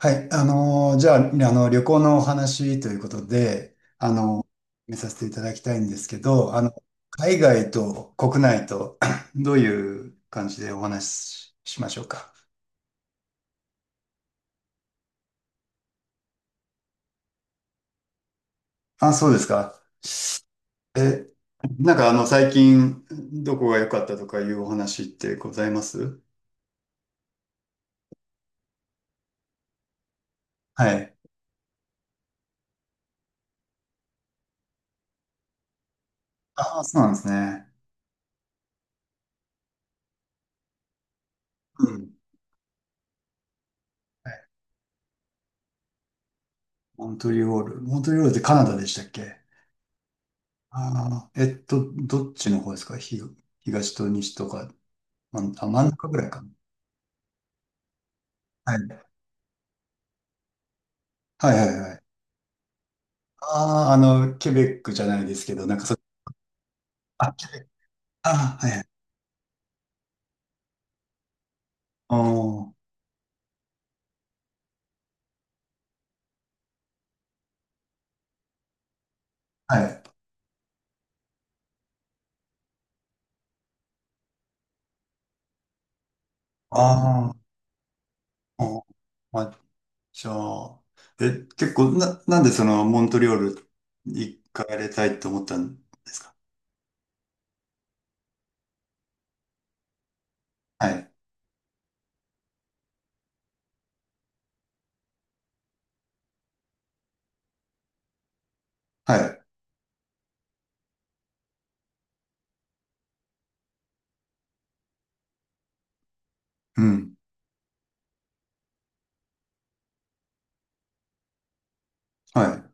はい、じゃあ、旅行のお話ということで、見させていただきたいんですけど、海外と国内と どういう感じでお話ししましょうか。あ、そうですか。え、なんかあの、最近、どこが良かったとかいうお話ってございます？はい。ああ、そうなんですね。うん。はい。モントリオール。モントリオールってカナダでしたっけ？ああー、どっちの方ですか？東と西とか、真ん中ぐらいかな。はい。はいはいはい。ああ、ケベックじゃないですけど、なんかそ、あ、ケベック。ああ、はいはい。おー。はい。ああ、おん。まあ、じゃあ、え、結構、な、なんでモントリオール行かれたいと思ったんですか？はい。はい。うん。はい。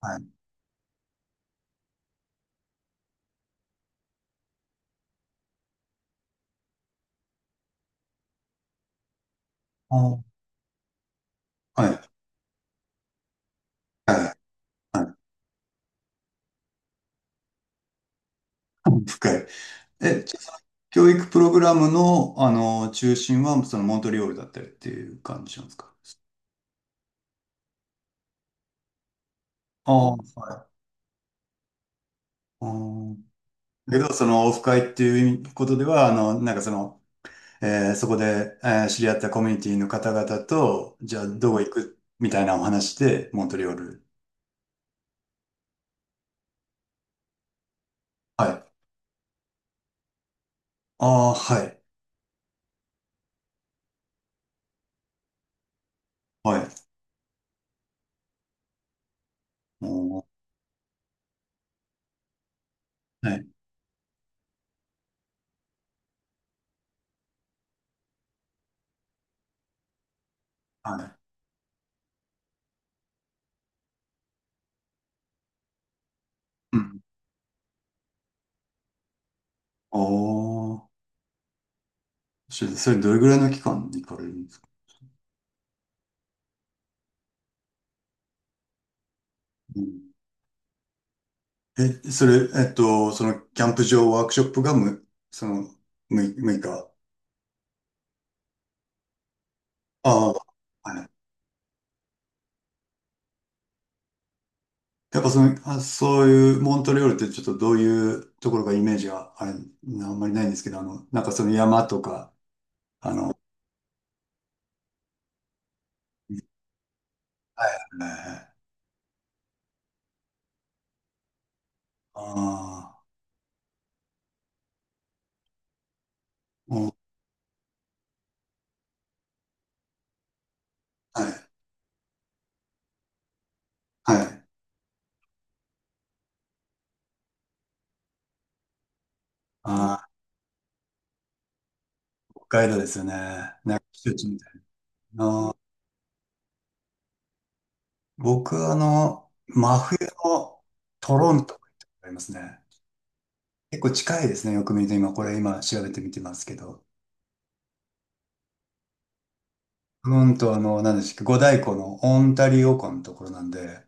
はい。おー。はい。はい。はい。深い。じゃあ、教育プログラムの、中心は、その、モントリオールだったりっていう感じなんですか？ああ、はい。あーだけど、そのオフ会っていうことでは、そこで、知り合ったコミュニティの方々と、じゃあどこ行くみたいなお話で、モントリオール。はい。ああ、はい。はい。おー、はい。はい。うん。おー、それどれぐらいの期間に行かれるんですか？うん。それ、そのキャンプ場ワークショップがむ、その、む、6日。ああ、はい。やっぱあ、そういうモントリオールって、ちょっとどういうところがイメージがあんまりないんですけど、山とか、はいはいはい。ああ、もう、はい、はい。ああ、北海道ですよね。なんか避暑地みたいな。僕、真冬のトロントがありますね。結構近いですね。よく見ると今、これ今調べてみてますけど。トロント、何でしたっけ、五大湖のオンタリオ湖のところなんで、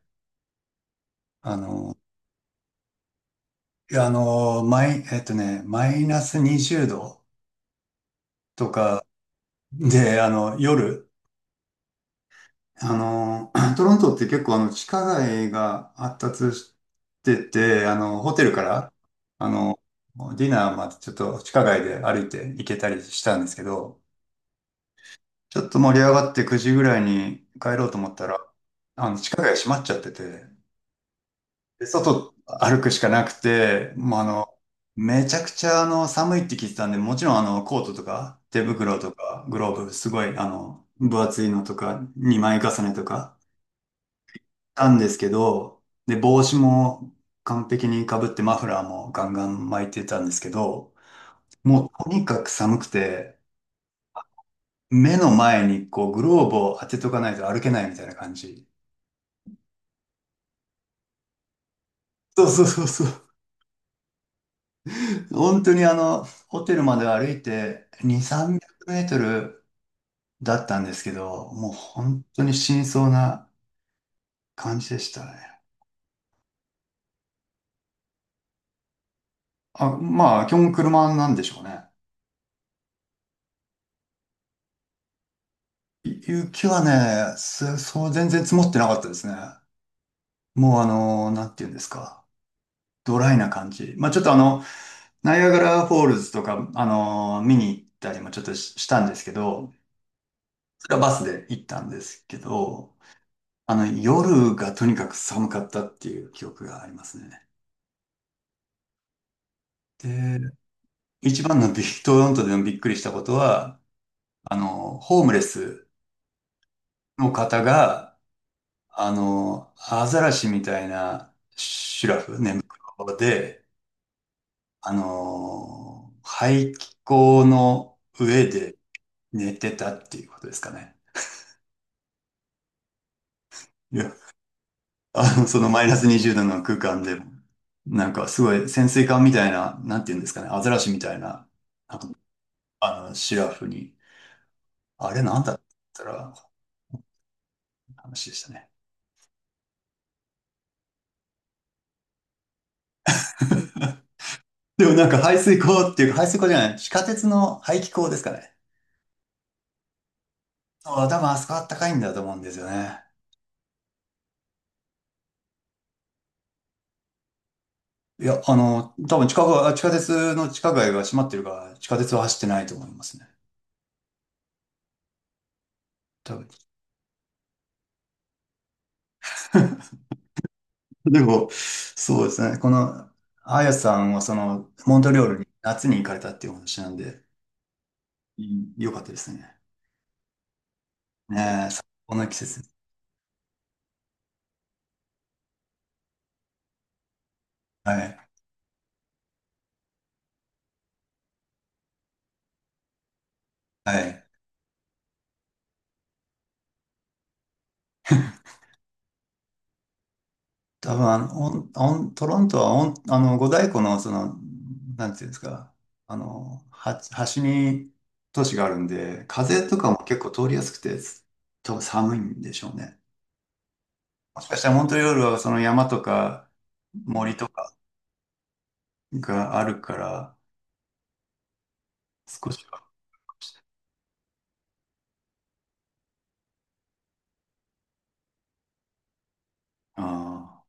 あの、いや、マイナス20度とかで、夜、トロントって結構地下街が発達してて、ホテルから、あの、ディナーまでちょっと地下街で歩いて行けたりしたんですけど、ちょっと盛り上がって9時ぐらいに帰ろうと思ったら、地下街閉まっちゃってて、で、外歩くしかなくて、もうめちゃくちゃ寒いって聞いてたんで、もちろんコートとか、手袋とか、グローブ、すごい分厚いのとか、2枚重ねとか、たんですけど、で、帽子も完璧に被って、マフラーもガンガン巻いてたんですけど、もうとにかく寒くて、目の前にこう、グローブを当てとかないと歩けないみたいな感じ。そうそうそうそう。本当にホテルまで歩いて2、300メートルだったんですけど、もう本当に死にそうな感じでしたね。あ、まあ、基本車なんでしょうね。雪はね、すそう、全然積もってなかったですね。もうなんていうんですか。ドライな感じ。まあちょっとナイアガラフォールズとか、見に行ったりもちょっとしたんですけど、それはバスで行ったんですけど、夜がとにかく寒かったっていう記憶がありますね。で、一番のトロントでのびっくりしたことは、ホームレスの方が、アザラシみたいなシュラフ、寝袋で、排気口の上で寝てたっていうことですかね。いや、そのマイナス20度の空間でも、なんかすごい潜水艦みたいな、なんていうんですかね、アザラシみたいな、なんかシュラフに、あれなんだったら、話でしたね。でもなんか排水口っていうか、排水口じゃない、地下鉄の排気口ですかね。ああ、多分あそこあったかいんだと思うんですよね。いや、多分が地下鉄の地下街が閉まってるから、地下鉄は走ってないと思いますね。多分。でも、そうですね。この、あやさんはその、モントリオールに夏に行かれたっていうお話なんで、うん、よかったですね。ねえ、最高の季節。はい。はい。多分あの、オン、オン、トロントはオン、あの、五大湖の、その、なんていうんですか、端に都市があるんで、風とかも結構通りやすくて、多分寒いんでしょうね。もしかしたらモントリオールはその山とか森とかがあるから、少しは。ああ、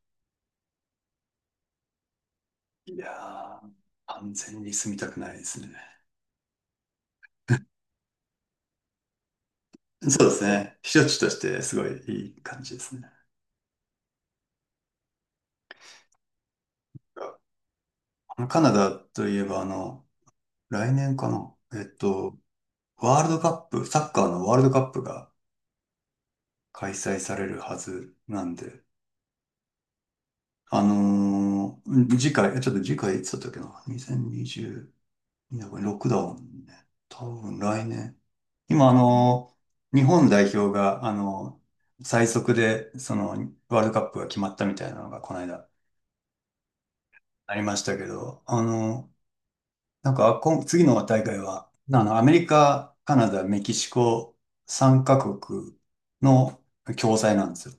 いやー、完全に住みたくないですね。そうですね。避暑地としてすごいいい感じですね。カナダといえば、来年かな。ワールドカップ、サッカーのワールドカップが開催されるはずなんで、次回いつだったっけな？ 2020、これロックダウンね。多分来年。今、日本代表が、最速で、その、ワールドカップが決まったみたいなのが、この間、ありましたけど、今次の大会は、アメリカ、カナダ、メキシコ、3カ国の共催なんですよ。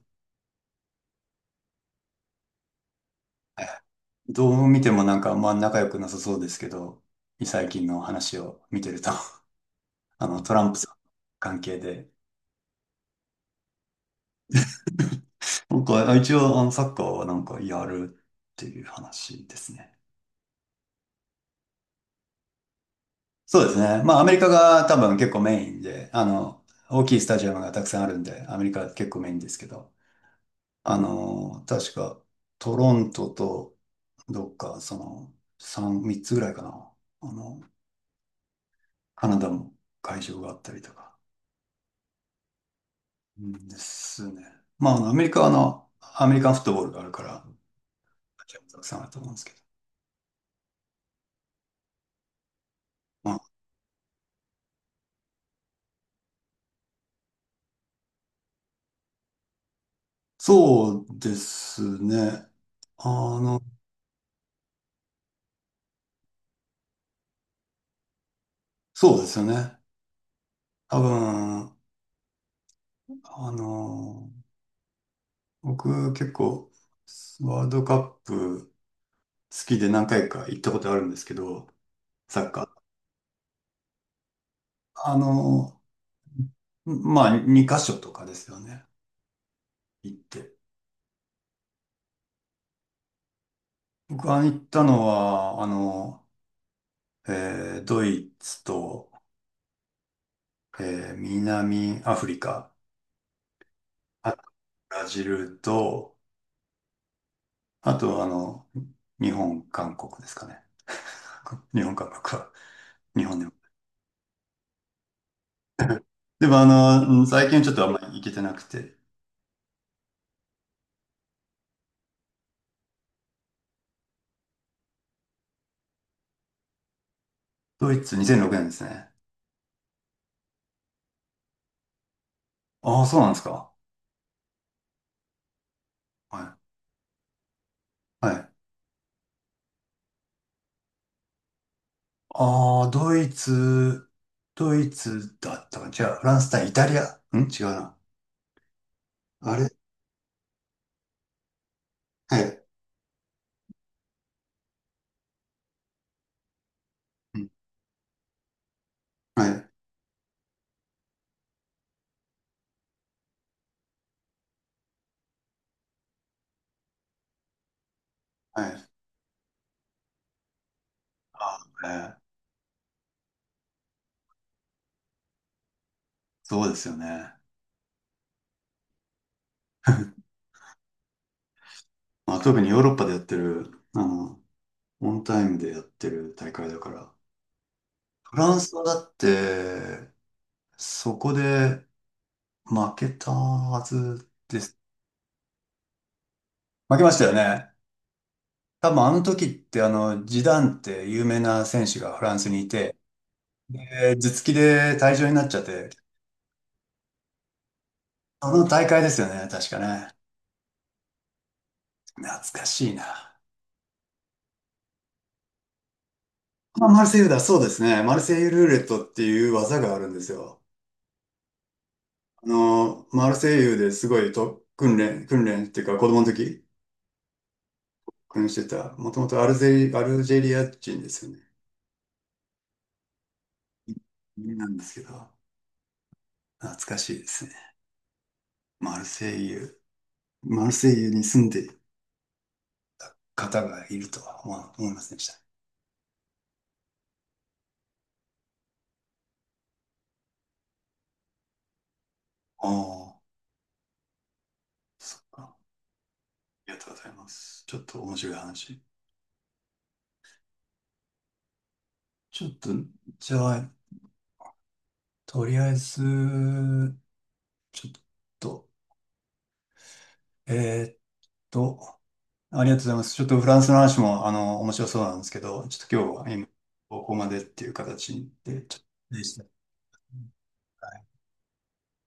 どう見てもなんかあんま仲良くなさそうですけど、最近の話を見てると、トランプさん関係で、なんか一応サッカーはなんかやるっていう話ですね。そうですね。まあアメリカが多分結構メインで、大きいスタジアムがたくさんあるんで、アメリカは結構メインですけど、確かトロントとどっかその3、3つぐらいかな。あの、カナダも会場があったりとか。うんですね。まあ、アメリカはアメリカンフットボールがあるから、アジアもたくさんあると思うんですけど。まあ、そうですね。あの、そうですよね。多分、あの、僕結構、ワールドカップ好きで何回か行ったことあるんですけど、サッカー。あの、まあ、2カ所とかですよね。行って。僕が行ったのは、ドイツと、南アフリカ、あとブラジルと、あとあの、日本、韓国ですかね。日本、韓国は、日本でも。でもうん、最近ちょっとあんまり行けてなくて、ドイツ2006年ですね。ああ、そうなんですか。はい。はい。ああ、ドイツだったかな。違う、フランス対イタリア。違うな。あれ、はい。うん、はい。はい。ああ、ね、そうですよね。まあ、特にヨーロッパでやってる、オンタイムでやってる大会だから。フランスはだって、そこで負けたはずです。負けましたよね。多分あの時ってジダンって有名な選手がフランスにいて、で、頭突きで退場になっちゃって、あの大会ですよね、確かね。懐かしいな。あ、マルセイユだ、そうですね。マルセイユルーレットっていう技があるんですよ。マルセイユですごい訓練、訓練っていうか子供の時、加入してた、もともとアルジェリア人ですよね。なんですけど、懐かしいですね。マルセイユ、マルセイユに住んでる方がいるとは思いませんでした。ああ、そっか。ありがとうございます。ちょっと面白い話。ちょっと、じゃあ、とりあえず、ちょっと、えーっと、ありがとうございます。ちょっとフランスの話も、面白そうなんですけど、ちょっと今日は今、ここまでっていう形で、ちょっと、でした。